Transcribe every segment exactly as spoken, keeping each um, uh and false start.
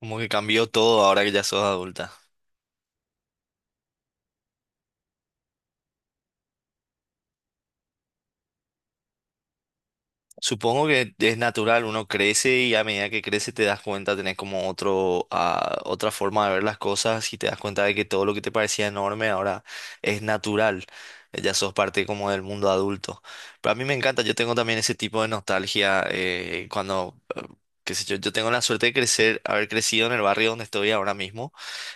Como que cambió todo ahora que ya sos adulta. Supongo que es natural, uno crece y a medida que crece te das cuenta, tenés como otro, ah, otra forma de ver las cosas y te das cuenta de que todo lo que te parecía enorme ahora es natural. Ya sos parte como del mundo adulto. Pero a mí me encanta, yo tengo también ese tipo de nostalgia eh, cuando, eh, qué sé yo, yo tengo la suerte de crecer, haber crecido en el barrio donde estoy ahora mismo.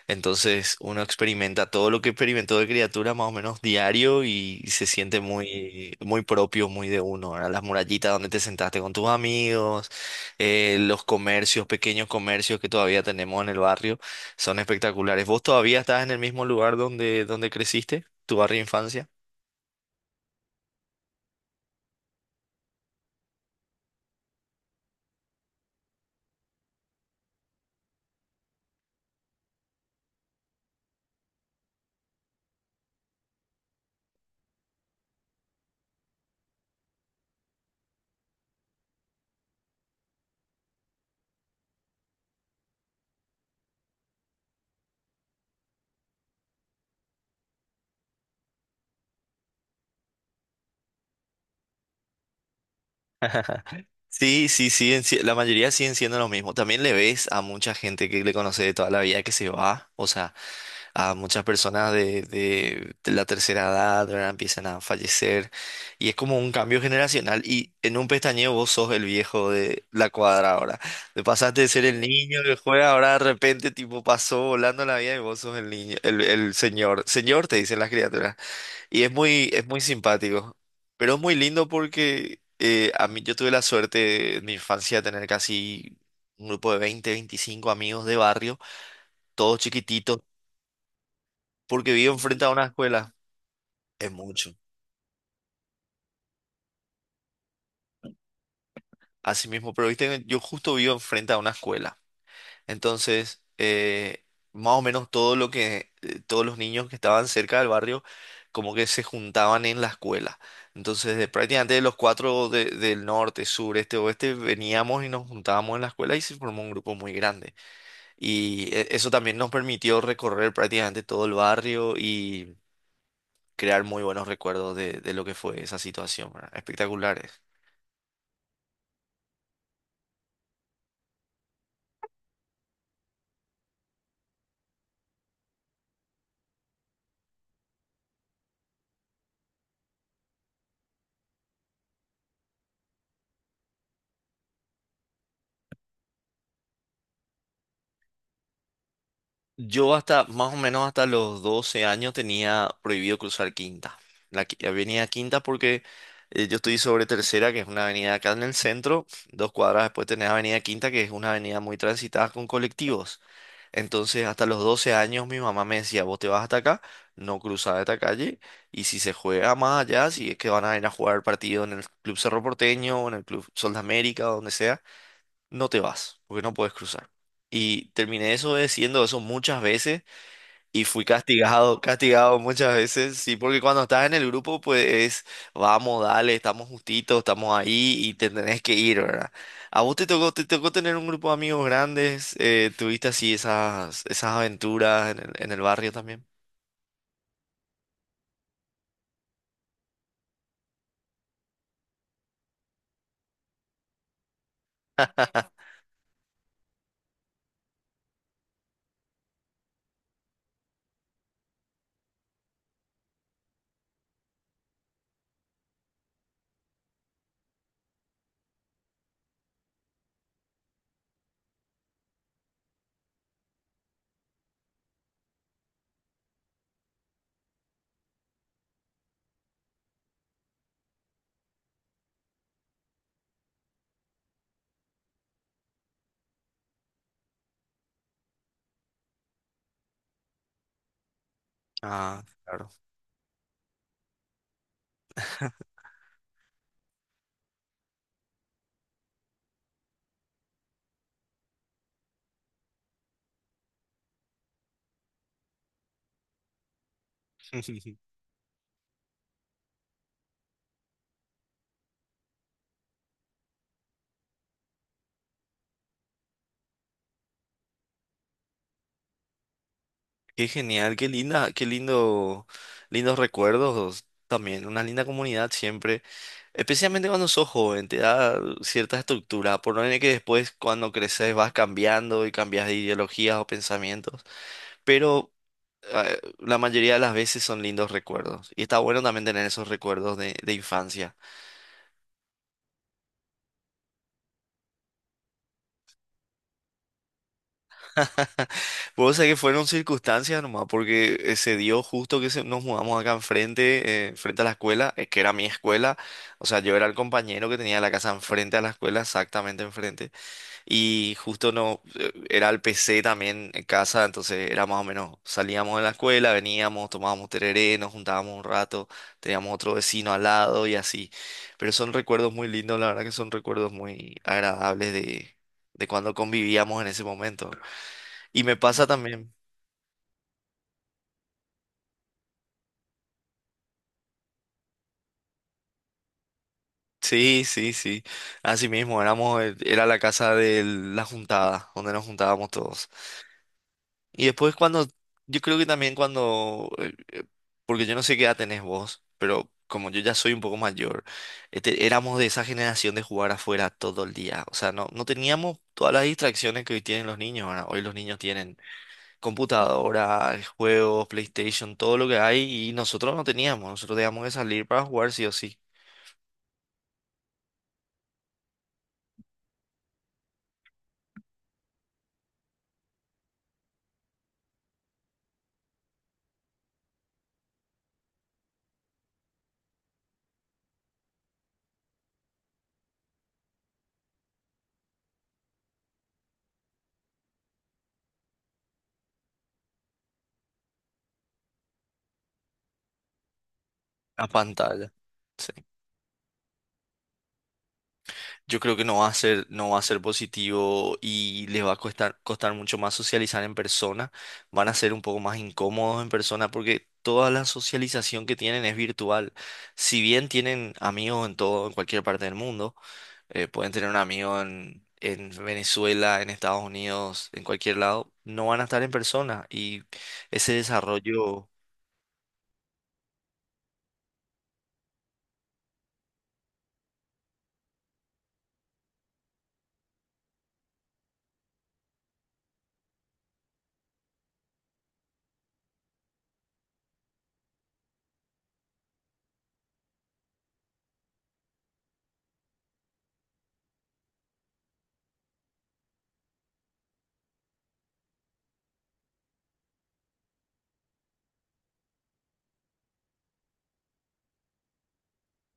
Entonces uno experimenta todo lo que experimentó de criatura más o menos diario y se siente muy, muy propio, muy de uno. Ahora las murallitas donde te sentaste con tus amigos, eh, los comercios, pequeños comercios que todavía tenemos en el barrio, son espectaculares. ¿Vos todavía estás en el mismo lugar donde, donde creciste, tu barrio de infancia? Sí, sí, sí, la mayoría siguen siendo los mismos. También le ves a mucha gente que le conoce de toda la vida que se va, o sea, a muchas personas de, de- de la tercera edad, ¿verdad? Empiezan a fallecer y es como un cambio generacional y en un pestañeo vos sos el viejo de la cuadra ahora. Te pasaste de ser el niño que juega, ahora de repente tipo pasó volando la vida y vos sos el niño, el, el señor. Señor te dicen las criaturas y es muy, es muy simpático, pero es muy lindo porque eh, a mí yo tuve la suerte en mi infancia de tener casi. Un grupo de veinte veinticinco amigos de barrio todos chiquititos, porque vivo enfrente a una escuela. Es mucho. Así mismo, pero viste, que yo justo vivo enfrente a una escuela. Entonces, eh, más o menos todo lo que, eh, todos los niños que estaban cerca del barrio, como que se juntaban en la escuela. Entonces, de prácticamente de los cuatro de- del norte, sur, este, oeste, veníamos y nos juntábamos en la escuela y se formó un grupo muy grande. Y eh, eso también nos permitió recorrer prácticamente todo el barrio y crear muy buenos recuerdos de, de lo que fue esa situación, ¿verdad? Espectaculares. Yo hasta más o menos hasta los doce años tenía prohibido cruzar Quinta. La, qui- la avenida Quinta porque eh, yo estoy sobre Tercera, que es una avenida acá en el centro. Dos cuadras después tenés Avenida Quinta, que es una avenida muy transitada con colectivos. Entonces, hasta los doce años mi mamá me decía, vos te vas hasta acá, no cruzás esta calle, y si se juega más allá, si es que van a ir a jugar partido en el Club Cerro Porteño, o en el Club Sol de América, o donde sea, no te vas, porque no puedes cruzar. Y terminé eso diciendo eso muchas veces y fui castigado, castigado muchas veces, sí, porque cuando estás en el grupo, pues es, vamos, dale, estamos justitos, estamos ahí y te tenés que ir, ¿verdad? ¿A vos te tocó, te tocó tener un grupo de amigos grandes? Eh, ¿tuviste así esas, esas aventuras en el, en el barrio también? Ah, claro. Qué genial, qué linda, qué lindo, lindos recuerdos también, una linda comunidad siempre. Especialmente cuando sos joven, te da cierta estructura, por no tener que después cuando creces vas cambiando y cambias de ideologías o pensamientos, pero eh, la mayoría de las veces son lindos recuerdos y está bueno también tener esos recuerdos de, de infancia. Puedo decir que fueron circunstancias nomás, porque eh, se dio justo que se- nos mudamos acá enfrente, eh, frente a la escuela, eh, que era mi escuela, o sea, yo era el compañero que tenía la casa enfrente a la escuela, exactamente enfrente. Y justo no, eh, era el P C también en casa, entonces era más o menos, salíamos de la escuela, veníamos, tomábamos tereré, nos juntábamos un rato, teníamos otro vecino al lado y así. Pero son recuerdos muy lindos, la verdad que son recuerdos muy agradables de, de cuando convivíamos en ese momento. Y me pasa también, sí, sí, sí, así mismo, éramos, el- era la casa de la juntada, donde nos juntábamos todos. Y después cuando, yo creo que también cuando, eh, eh, porque yo no sé qué edad tenés vos, pero como yo ya soy un poco mayor, este, éramos de esa generación de jugar afuera todo el día. O sea, no, no teníamos todas las distracciones que hoy tienen los niños. Ahora, hoy los niños tienen computadora, eh, juegos, PlayStation, todo lo que hay, y nosotros no teníamos. Nosotros teníamos que salir para jugar sí o sí, a pantalla. Sí. Yo creo que no va a ser, no va a ser positivo y les va a costar, costar mucho más socializar en persona. Van a ser un poco más incómodos en persona porque toda la socialización que tienen es virtual. Si bien tienen amigos en todo, en cualquier parte del mundo, eh, pueden tener un amigo en, en Venezuela, en Estados Unidos, en cualquier lado, no van a estar en persona y ese desarrollo,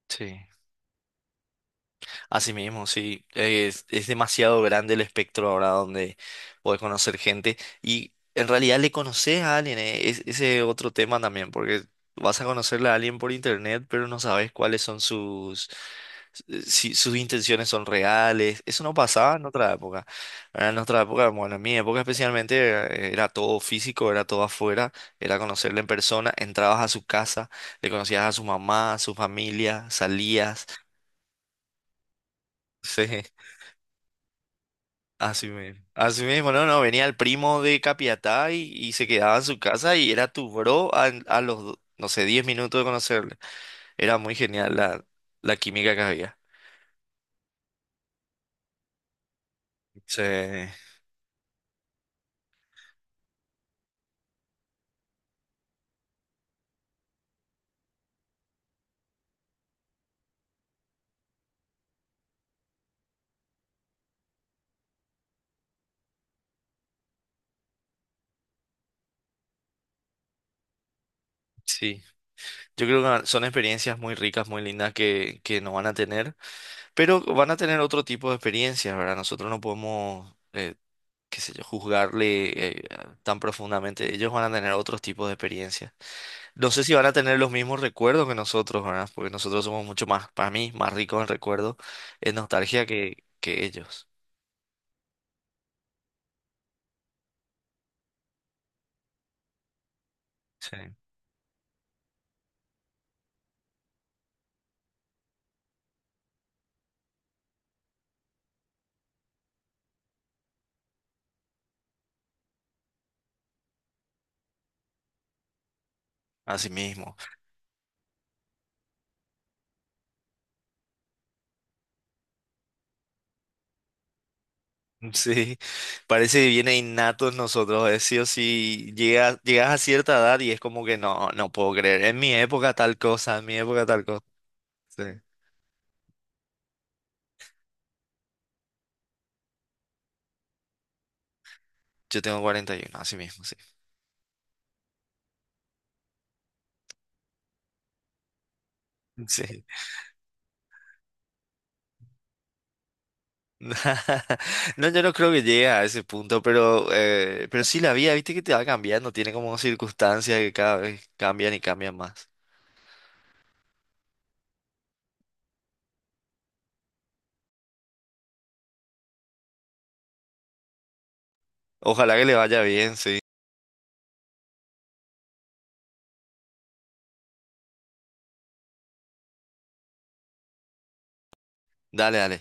sí. Así mismo, sí. Eh, Es, es demasiado grande el espectro ahora donde puedes conocer gente y en realidad le conoces a alguien. eh, Es, ese otro tema también, porque vas a conocerle a alguien por internet, pero no sabes cuáles son sus, eh, si sus intenciones son reales. Eso no pasaba en otra época. ¿Verdad? En nuestra época, bueno, en mi época especialmente era, era todo físico, era todo afuera, era conocerle en persona, entrabas a su casa, le conocías a su mamá, a su familia, salías. Sí. Así mismo. Así mismo, no, no, venía el primo de Capiatá y, y se quedaba en su casa y era tu bro a, a los, do- no sé, diez minutos de conocerle. Era muy genial la, la química que había. Sí, sí. Yo creo que son experiencias muy ricas, muy lindas que, que no van a tener, pero van a tener otro tipo de experiencias, ¿verdad? Nosotros no podemos, eh, qué sé yo, juzgarle eh, tan profundamente. Ellos van a tener otros tipos de experiencias. No sé si van a tener los mismos recuerdos que nosotros, ¿verdad? Porque nosotros somos mucho más, para mí, más ricos en recuerdos, en nostalgia que, que ellos. Sí. Así mismo. Sí. Parece que viene innato en nosotros. Es sí o sí. Llegas, llegas a cierta edad y es como que no, no puedo creer. En mi época tal cosa, en mi época tal cosa. Sí. Yo tengo cuarenta y uno, así mismo, sí. Sí. No, yo no creo que llegue a ese punto, pero, eh, pero sí la vida, viste que te va cambiando, tiene como circunstancias que cada vez cambian y cambian más. Ojalá que le vaya bien, sí. Dale, dale.